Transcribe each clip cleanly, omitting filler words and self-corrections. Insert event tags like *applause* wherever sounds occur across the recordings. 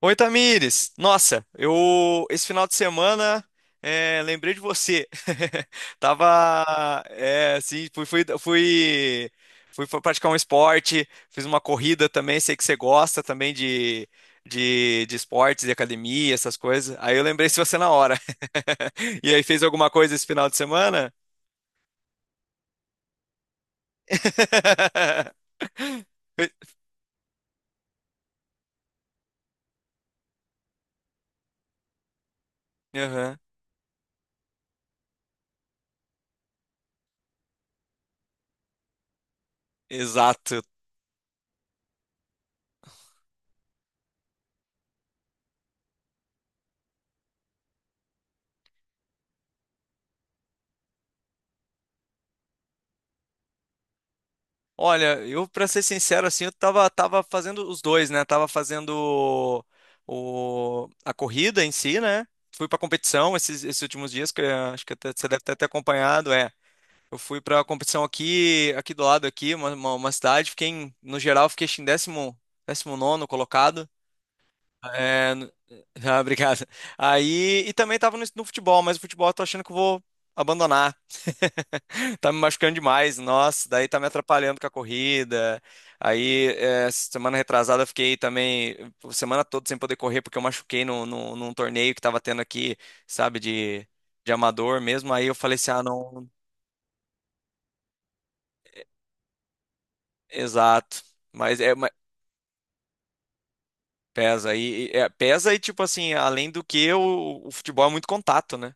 Oi, Tamires! Nossa, eu esse final de semana lembrei de você. *laughs* Tava assim, praticar um esporte, fiz uma corrida também. Sei que você gosta também de esportes, de academia, essas coisas. Aí eu lembrei de você na hora. *laughs* E aí, fez alguma coisa esse final de semana? *laughs* Aham. Exato. Olha, eu pra ser sincero assim, eu tava fazendo os dois, né? Tava fazendo a corrida em si, né? Fui pra competição esses últimos dias que acho que você deve ter até acompanhado, é. Eu fui pra competição aqui do lado aqui, uma cidade, fiquei no geral fiquei acho que em décimo nono colocado. É, *laughs* ah, obrigado. Aí e também tava no futebol, mas o futebol eu tô achando que eu vou abandonar. *laughs* Tá me machucando demais, nossa, daí tá me atrapalhando com a corrida. Aí, é, semana retrasada, eu fiquei também, semana toda sem poder correr, porque eu machuquei num torneio que tava tendo aqui, sabe, de amador mesmo. Aí eu falei assim, ah, não, exato. Mas é, mas pesa é, pesa e, tipo assim, além do que, o futebol é muito contato, né?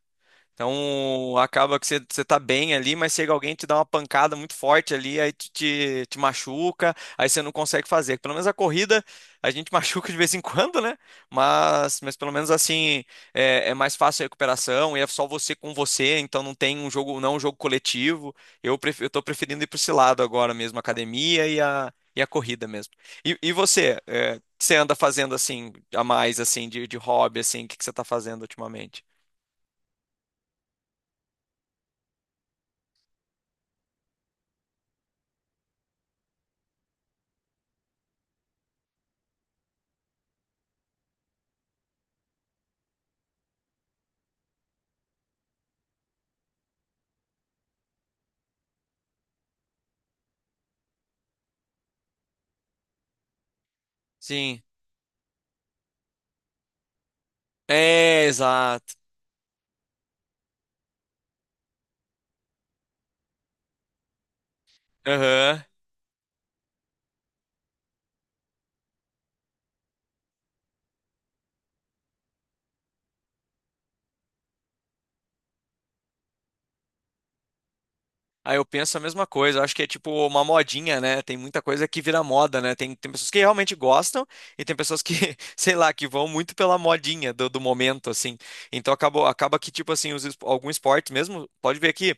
Então acaba que você, você tá bem ali, mas chega alguém e te dá uma pancada muito forte ali, aí te machuca, aí você não consegue fazer. Pelo menos a corrida a gente *laughs* machuca de vez em quando, né? Mas pelo menos assim é, é mais fácil a recuperação e é só você com você, então não tem um jogo, não é um jogo coletivo. Eu tô preferindo ir para esse lado agora mesmo, a academia e a corrida mesmo. E você, é, o que você anda fazendo assim, a mais assim, de hobby, assim, que você tá fazendo ultimamente? Sim. É, exato. Aham. Aí eu penso a mesma coisa. Eu acho que é tipo uma modinha, né? Tem muita coisa que vira moda, né? Tem, tem pessoas que realmente gostam e tem pessoas que, *laughs* sei lá, que vão muito pela modinha do momento, assim. Então acabou, acaba que, tipo assim, algum esporte mesmo, pode ver aqui.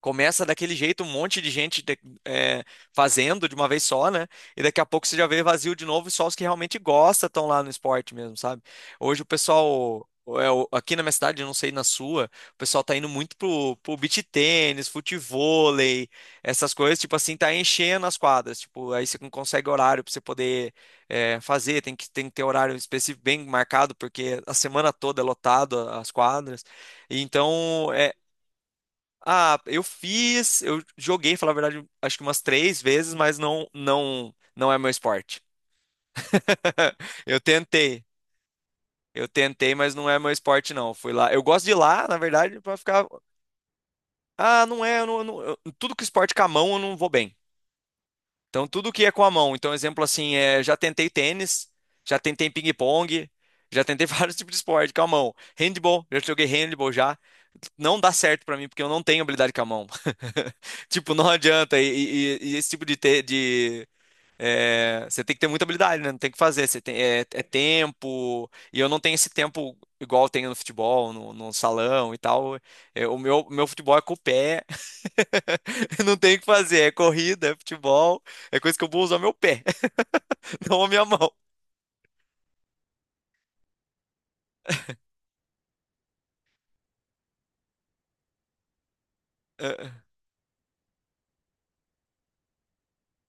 Começa daquele jeito, um monte de gente é, fazendo de uma vez só, né? E daqui a pouco você já vê vazio de novo e só os que realmente gostam estão lá no esporte mesmo, sabe? Hoje o pessoal, é, aqui na minha cidade, eu não sei na sua, o pessoal tá indo muito pro beach tênis, futevôlei, essas coisas, tipo assim, tá enchendo as quadras. Tipo, aí você não consegue horário pra você poder é, fazer, tem que ter horário específico bem marcado, porque a semana toda é lotado as quadras. E então, é ah, eu fiz, eu joguei, falar a verdade, acho que umas três vezes, mas não é meu esporte. *laughs* Eu tentei, eu tentei, mas não é meu esporte não. Fui lá, eu gosto de ir lá, na verdade, pra ficar, ah, não é, eu tudo que esporte com a mão eu não vou bem. Então, tudo que é com a mão. Então, um exemplo assim, é, já tentei tênis, já tentei ping-pong, já tentei *laughs* vários tipos de esporte com a mão. Handball, já joguei handball já. Não dá certo pra mim, porque eu não tenho habilidade com a mão. *laughs* Tipo, não adianta. E esse tipo de, é, você tem que ter muita habilidade, né? Não tem o que fazer. Você tem, é, é tempo. E eu não tenho esse tempo igual eu tenho no futebol, no salão e tal. É, meu futebol é com o pé. *laughs* Não tem o que fazer. É corrida, é futebol. É coisa que eu vou usar meu pé, *laughs* não a minha mão. É.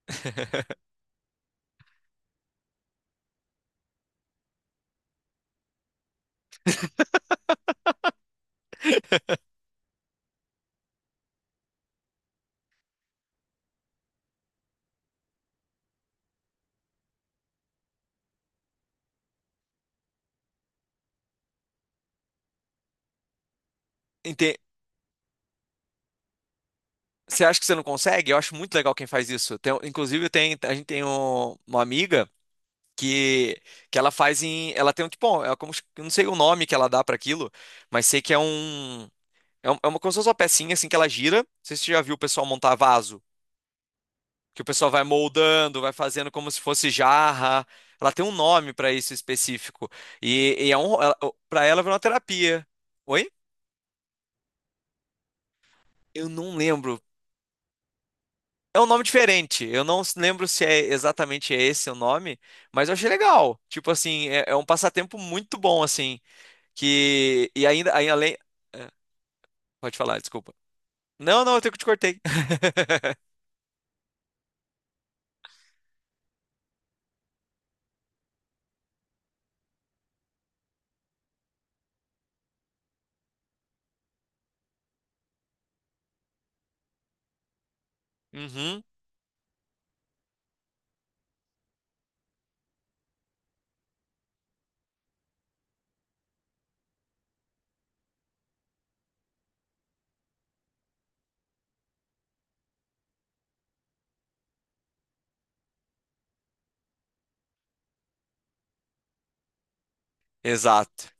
*laughs* Ente- Você acha que você não consegue? Eu acho muito legal quem faz isso. Inclusive, tem, a gente tem uma amiga. que que ela faz em, ela tem um tipo, bom, é como eu não sei o nome que ela dá para aquilo, mas sei que é é uma como se fosse uma pecinha assim que ela gira. Não sei se você já viu o pessoal montar vaso, que o pessoal vai moldando, vai fazendo como se fosse jarra. Ela tem um nome para isso específico e é um para ela virou uma terapia. Oi? Eu não lembro. É um nome diferente. Eu não lembro se é exatamente esse o nome, mas eu achei legal. Tipo assim, é, é um passatempo muito bom assim. Que. E ainda, aí além. É, pode falar, desculpa. Não, não, eu te cortei. *laughs* Uhum, exato.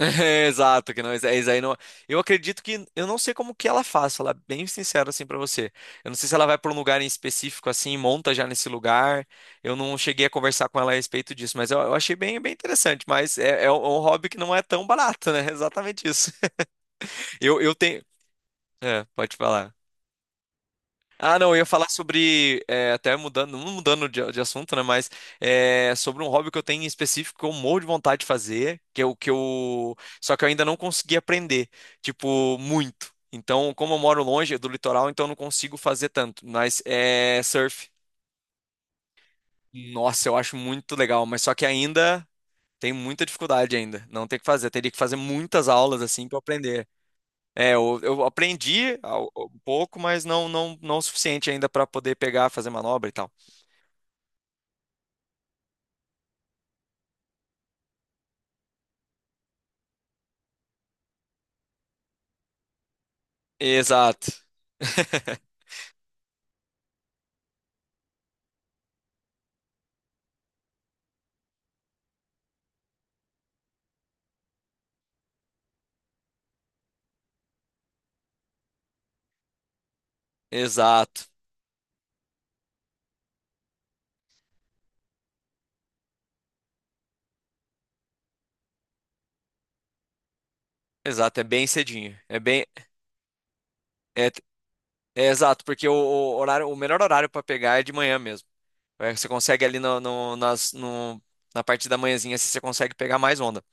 *laughs* Exato, que não, isso aí não. Eu acredito que eu não sei como que ela faz, falar bem sincero assim pra você. Eu não sei se ela vai pra um lugar em específico assim, monta já nesse lugar. Eu não cheguei a conversar com ela a respeito disso, mas eu achei bem, bem interessante. Mas é, é um hobby que não é tão barato, né? *laughs* Exatamente isso. *laughs* Eu tenho. É, pode falar. Ah, não, eu ia falar sobre, é, até mudando, não mudando de assunto, né, mas é, sobre um hobby que eu tenho em específico que eu morro de vontade de fazer, que é o que eu, só que eu ainda não consegui aprender, tipo, muito. Então, como eu moro longe do litoral, então eu não consigo fazer tanto, mas é surf. Nossa, eu acho muito legal, mas só que ainda tem muita dificuldade ainda, não tem o que fazer, teria que fazer muitas aulas assim para aprender. É, eu aprendi um pouco, mas não o suficiente ainda para poder pegar, fazer manobra e tal. Exato. *laughs* Exato. Exato, é bem cedinho. É bem é, é exato, porque o horário, o melhor horário para pegar é de manhã mesmo. É, você consegue ali no, no- nas, no- na parte da manhãzinha, assim, você consegue pegar mais onda.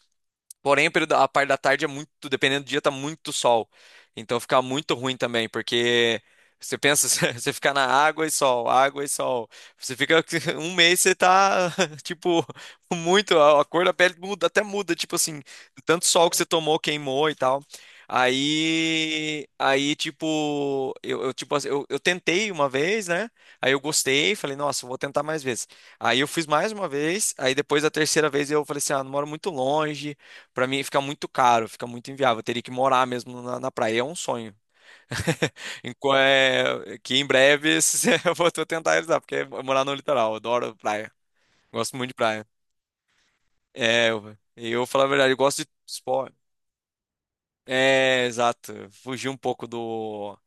Porém, a parte da tarde é muito, dependendo do dia, tá muito sol. Então fica muito ruim também, porque você pensa, *laughs* você fica na água e sol, água e sol. Você fica *laughs* um mês, você tá, *laughs* tipo, muito, a cor da pele muda, até muda, tipo assim, tanto sol que você tomou, queimou e tal. Tipo, tipo, assim, eu tentei uma vez, né? Aí eu gostei, falei, nossa, eu vou tentar mais vezes. Aí eu fiz mais uma vez, aí depois da terceira vez eu falei assim, ah, não moro muito longe. Pra mim fica muito caro, fica muito inviável. Eu teria que morar mesmo na praia. É um sonho. *laughs* Que em breve *laughs* eu vou tô tentar realizar, porque é morar no litoral. Eu adoro praia. Gosto muito de praia. É, eu falar a verdade, eu gosto de esporte. É, exato. Fugir um pouco do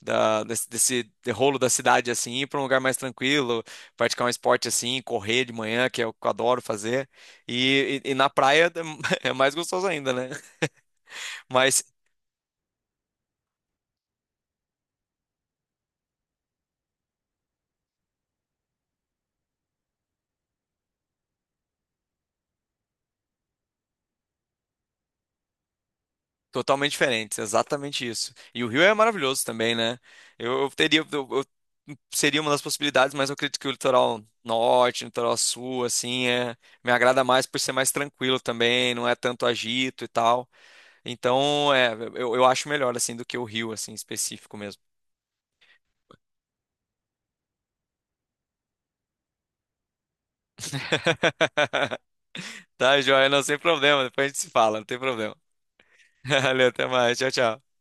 desse rolo da cidade assim, ir pra um lugar mais tranquilo, praticar um esporte assim, correr de manhã, que é o que eu adoro fazer. E na praia *laughs* é mais gostoso ainda, né? Mas totalmente diferentes, exatamente isso. E o Rio é maravilhoso também, né? Eu teria, eu- seria uma das possibilidades, mas eu acredito que o litoral norte, o litoral sul, assim, é, me agrada mais por ser mais tranquilo também, não é tanto agito e tal. Então, é, eu acho melhor, assim, do que o Rio, assim, específico mesmo. *laughs* Tá, joia, não, sem problema, depois a gente se fala, não tem problema. *laughs* Valeu, até mais, tchau, tchau.